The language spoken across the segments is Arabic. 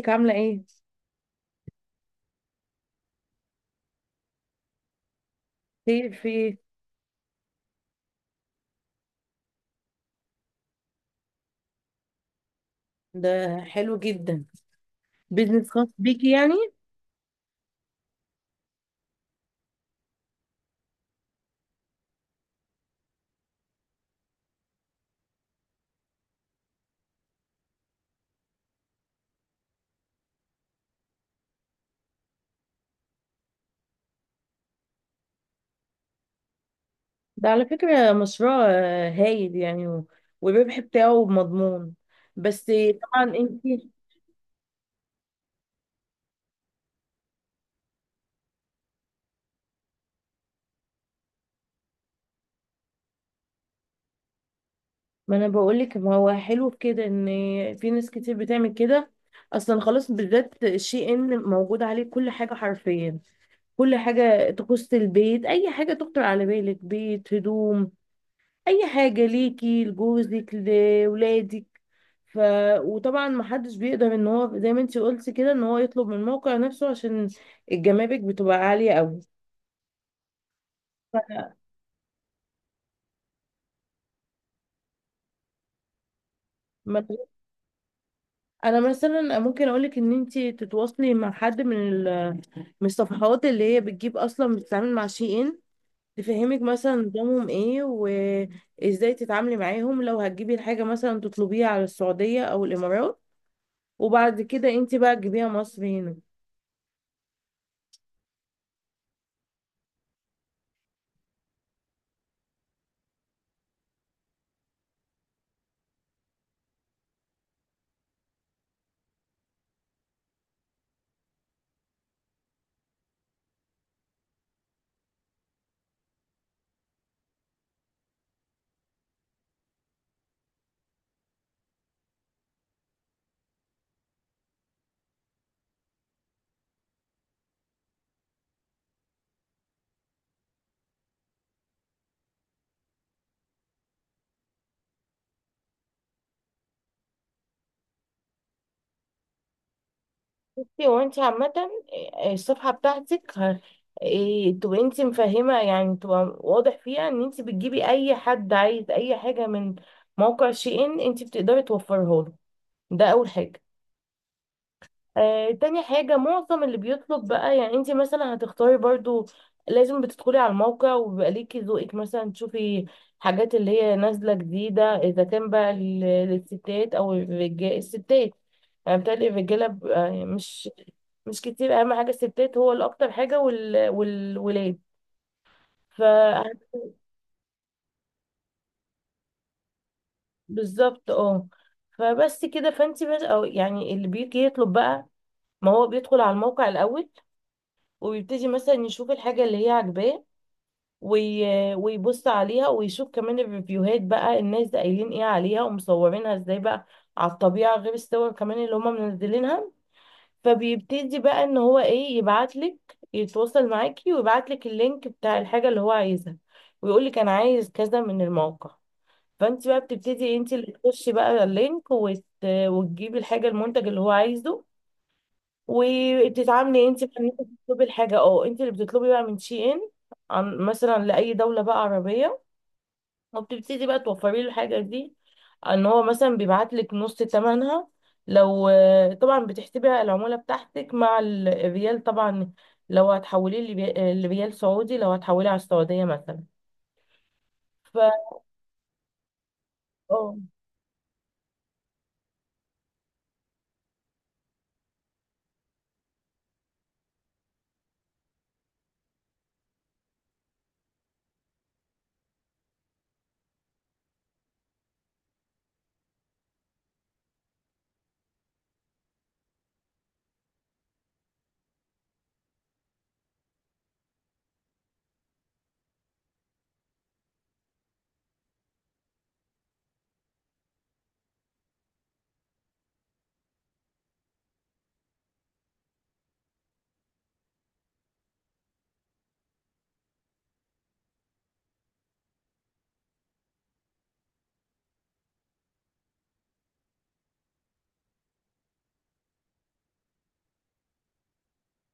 ازيك عاملة ايه؟ خير في ايه؟ ده حلو جدا، بيزنس خاص بيكي يعني. ده على فكرة مشروع هايل يعني والربح بتاعه مضمون. بس طبعا انتي. ما انا بقولك ما هو حلو في كده ان في ناس كتير بتعمل كده. اصلا خلاص بالذات الشي ان موجود عليه كل حاجة حرفيا، كل حاجة تخص البيت، اي حاجة تخطر على بالك، بيت، هدوم، اي حاجه ليكي لجوزك لولادك. ف وطبعا ما حدش بيقدر ان هو زي ما انت قلتي كده ان هو يطلب من الموقع نفسه، عشان الجمارك بتبقى عاليه قوي. فأنا- ما- انا مثلا ممكن اقولك ان انت تتواصلي مع حد من الصفحات اللي هي بتجيب، اصلا بتتعامل مع شي ان، تفهمك مثلا نظامهم ايه وازاي تتعاملي معاهم لو هتجيبي الحاجه، مثلا تطلبيها على السعوديه او الامارات، وبعد كده انت بقى تجيبيها مصر هنا. بصي، هو انت عامة الصفحة بتاعتك تبقى انت مفهمة، يعني تبقى واضح فيها ان انت بتجيبي اي حد عايز اي حاجة من موقع شي ان انت بتقدري توفرها له. ده اول حاجة. تاني حاجة، معظم اللي بيطلب بقى، يعني انت مثلا هتختاري برضو، لازم بتدخلي على الموقع وبيبقى ليكي ذوقك، مثلا تشوفي حاجات اللي هي نازلة جديدة، اذا كان بقى للستات او الرجال. الستات، يعني بتهيألي الرجالة بيبقى مش، مش كتير. اهم حاجه الستات، هو اللي اكتر حاجه والولاد. ف بالظبط اه. فبس كده، فانت بس، او يعني اللي بيجي يطلب بقى، ما هو بيدخل على الموقع الاول، وبيبتدي مثلا يشوف الحاجه اللي هي عاجباه، وي... ويبص عليها ويشوف كمان الريفيوهات بقى، الناس قايلين ايه عليها ومصورينها ازاي بقى على الطبيعه، غير الصور كمان اللي هم منزلينها. فبيبتدي بقى ان هو ايه، يبعتلك، يتواصل معاكي ويبعتلك اللينك بتاع الحاجة اللي هو عايزها، ويقولك انا عايز كذا من الموقع. فانت بقى بتبتدي إيه، انت اللي تخشي بقى اللينك وتجيبي الحاجة، المنتج اللي هو عايزه. وبتتعاملي انت بقى ان انت بتطلبي الحاجة، اه، انت اللي بتطلبي بقى من شي ان، عن مثلا لأي دولة بقى عربية. وبتبتدي بقى توفري له الحاجة دي. ان هو مثلا بيبعت لك نص تمنها، لو، طبعا بتحسبي العمولة بتاعتك مع الريال طبعا، لو هتحوليه لريال سعودي، لو هتحوليه على السعودية مثلا. ف اه.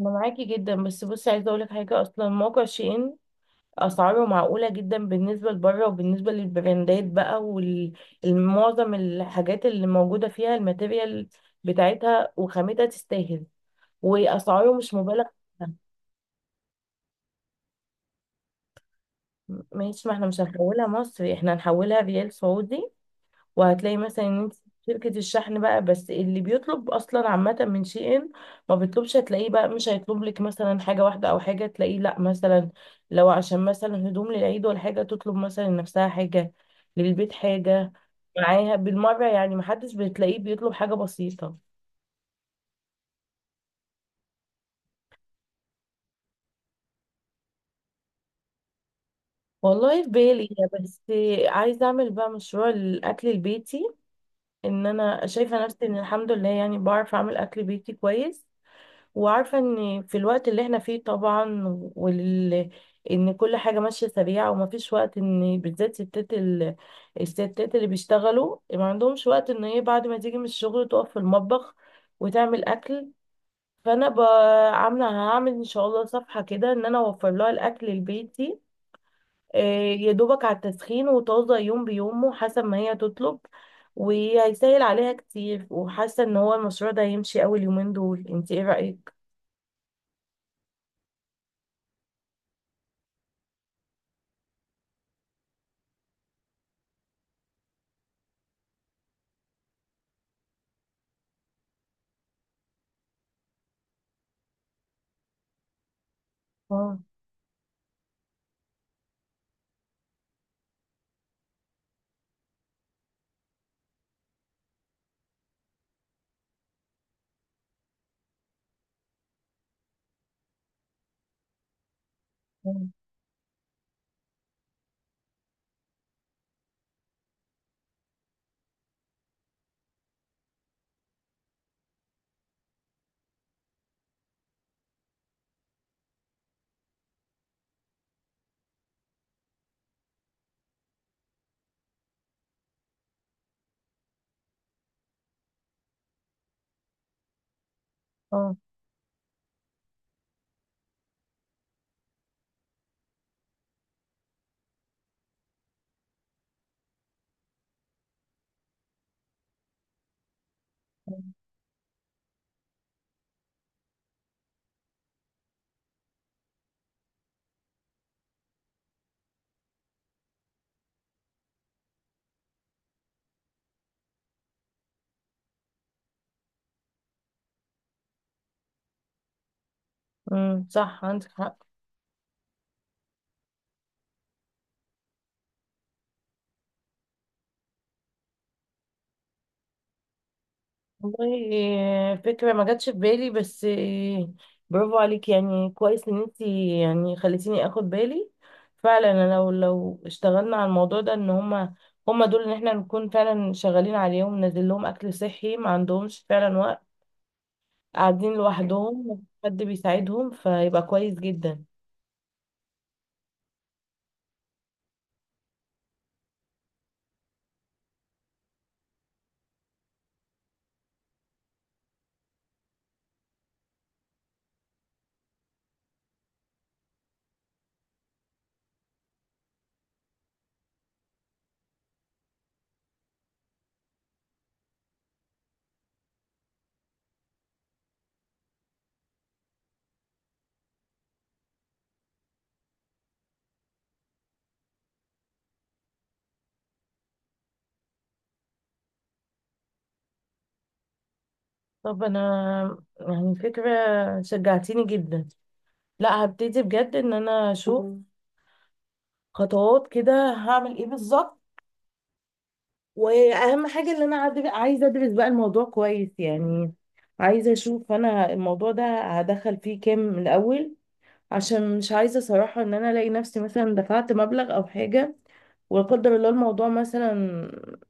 انا معاكي جدا، بس بصي عايزة اقولك حاجة، اصلا موقع شين اسعاره معقولة جدا بالنسبة لبره وبالنسبة للبراندات بقى، والمعظم الحاجات اللي موجودة فيها الماتيريال بتاعتها وخامتها تستاهل، واسعاره مش مبالغ. ماشي، ما احنا مش هنحولها مصري، احنا هنحولها ريال سعودي. وهتلاقي مثلا ان انت، شركة الشحن بقى، بس اللي بيطلب اصلا عامة من شي ان، ما بيطلبش هتلاقيه بقى، مش هيطلب لك مثلا حاجة واحدة او حاجة، تلاقيه لا مثلا، لو عشان مثلا هدوم للعيد ولا حاجة، تطلب مثلا لنفسها حاجة، للبيت حاجة، معاها بالمرة. يعني محدش بتلاقيه بيطلب حاجة بسيطة. والله في بالي، بس عايزة اعمل بقى مشروع الاكل البيتي. ان انا شايفه نفسي ان الحمد لله يعني بعرف اعمل اكل بيتي كويس، وعارفه ان في الوقت اللي احنا فيه طبعا، وال ان كل حاجه ماشيه سريعه، ومفيش وقت ان بالذات ستات الستات اللي بيشتغلوا، ما عندهمش وقت ان هي بعد ما تيجي من الشغل تقف في المطبخ وتعمل اكل. فانا عامله هعمل ان شاء الله صفحه كده ان انا اوفر لها الاكل لبيتي، آه، يا دوبك على التسخين، وطازة يوم بيومه حسب ما هي تطلب، وهيسهل عليها كتير. وحاسة ان هو المشروع ده هيمشي اول يومين دول. انت ايه رأيك؟ اه، اه، اه. امم، صح عندك حق. والله فكرة ما جاتش في بالي، بس برافو عليك، يعني كويس ان انت يعني خليتيني اخد بالي. فعلا انا لو اشتغلنا على الموضوع ده، ان هما، هما دول ان احنا نكون فعلا شغالين عليهم، ننزل لهم اكل صحي، ما عندهمش فعلا وقت، قاعدين لوحدهم مفيش حد بيساعدهم، فيبقى كويس جدا. طب انا، يعني فكرة، شجعتيني جدا. لا، هبتدي بجد ان انا اشوف، مم، خطوات كده هعمل ايه بالظبط. واهم حاجة ان انا عايزة ادرس بقى الموضوع كويس يعني. عايزة اشوف انا الموضوع ده هدخل فيه كام من الاول، عشان مش عايزة صراحة ان انا الاقي نفسي مثلا دفعت مبلغ او حاجة، ولا قدر الله الموضوع مثلا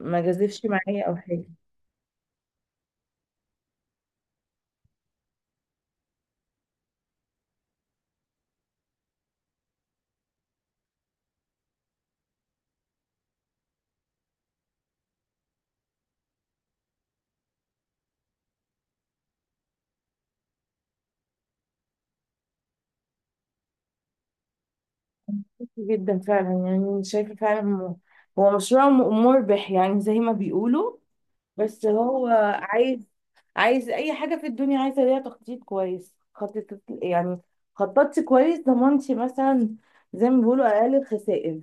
ما جازفش معايا او حاجة. جدا فعلا، يعني شايفة فعلا هو، هو مشروع مربح يعني زي ما بيقولوا. بس هو عايز، عايز، أي حاجة في الدنيا عايزة ليها تخطيط كويس. خطط يعني، خططت كويس، ضمنتي مثلا، زي ما بيقولوا أقل الخسائر،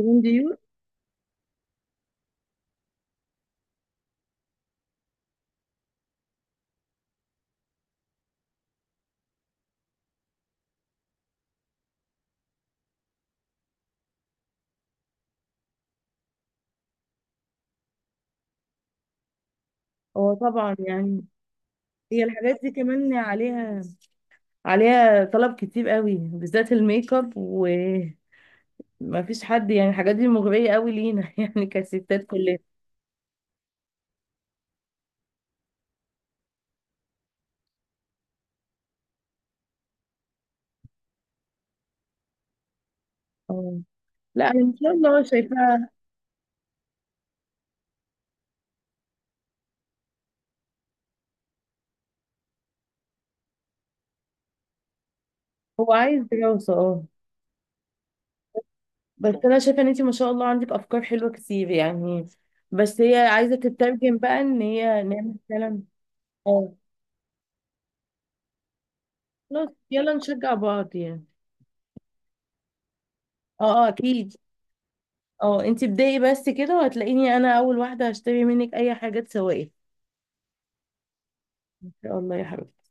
من ديون. هو طبعا يعني، هي الحاجات دي كمان عليها، عليها طلب كتير قوي، بالذات الميك اب، وما فيش حد يعني. الحاجات دي مغرية قوي لينا يعني كستات كلنا. آه. لا أنا إن شاء الله شايفاها. هو عايز دراسة اه. بس انا شايفة ان انتي ما شاء الله عندك افكار حلوة كتير يعني، بس هي عايزة تترجم بقى ان هي نعمل فعلا. اه. خلاص يلا نشجع بعض يعني. اه، اه، اكيد. اه، انتي ابدأي بس كده، وهتلاقيني انا اول واحدة هشتري منك اي حاجة تسوقي، ان شاء الله يا حبيبتي.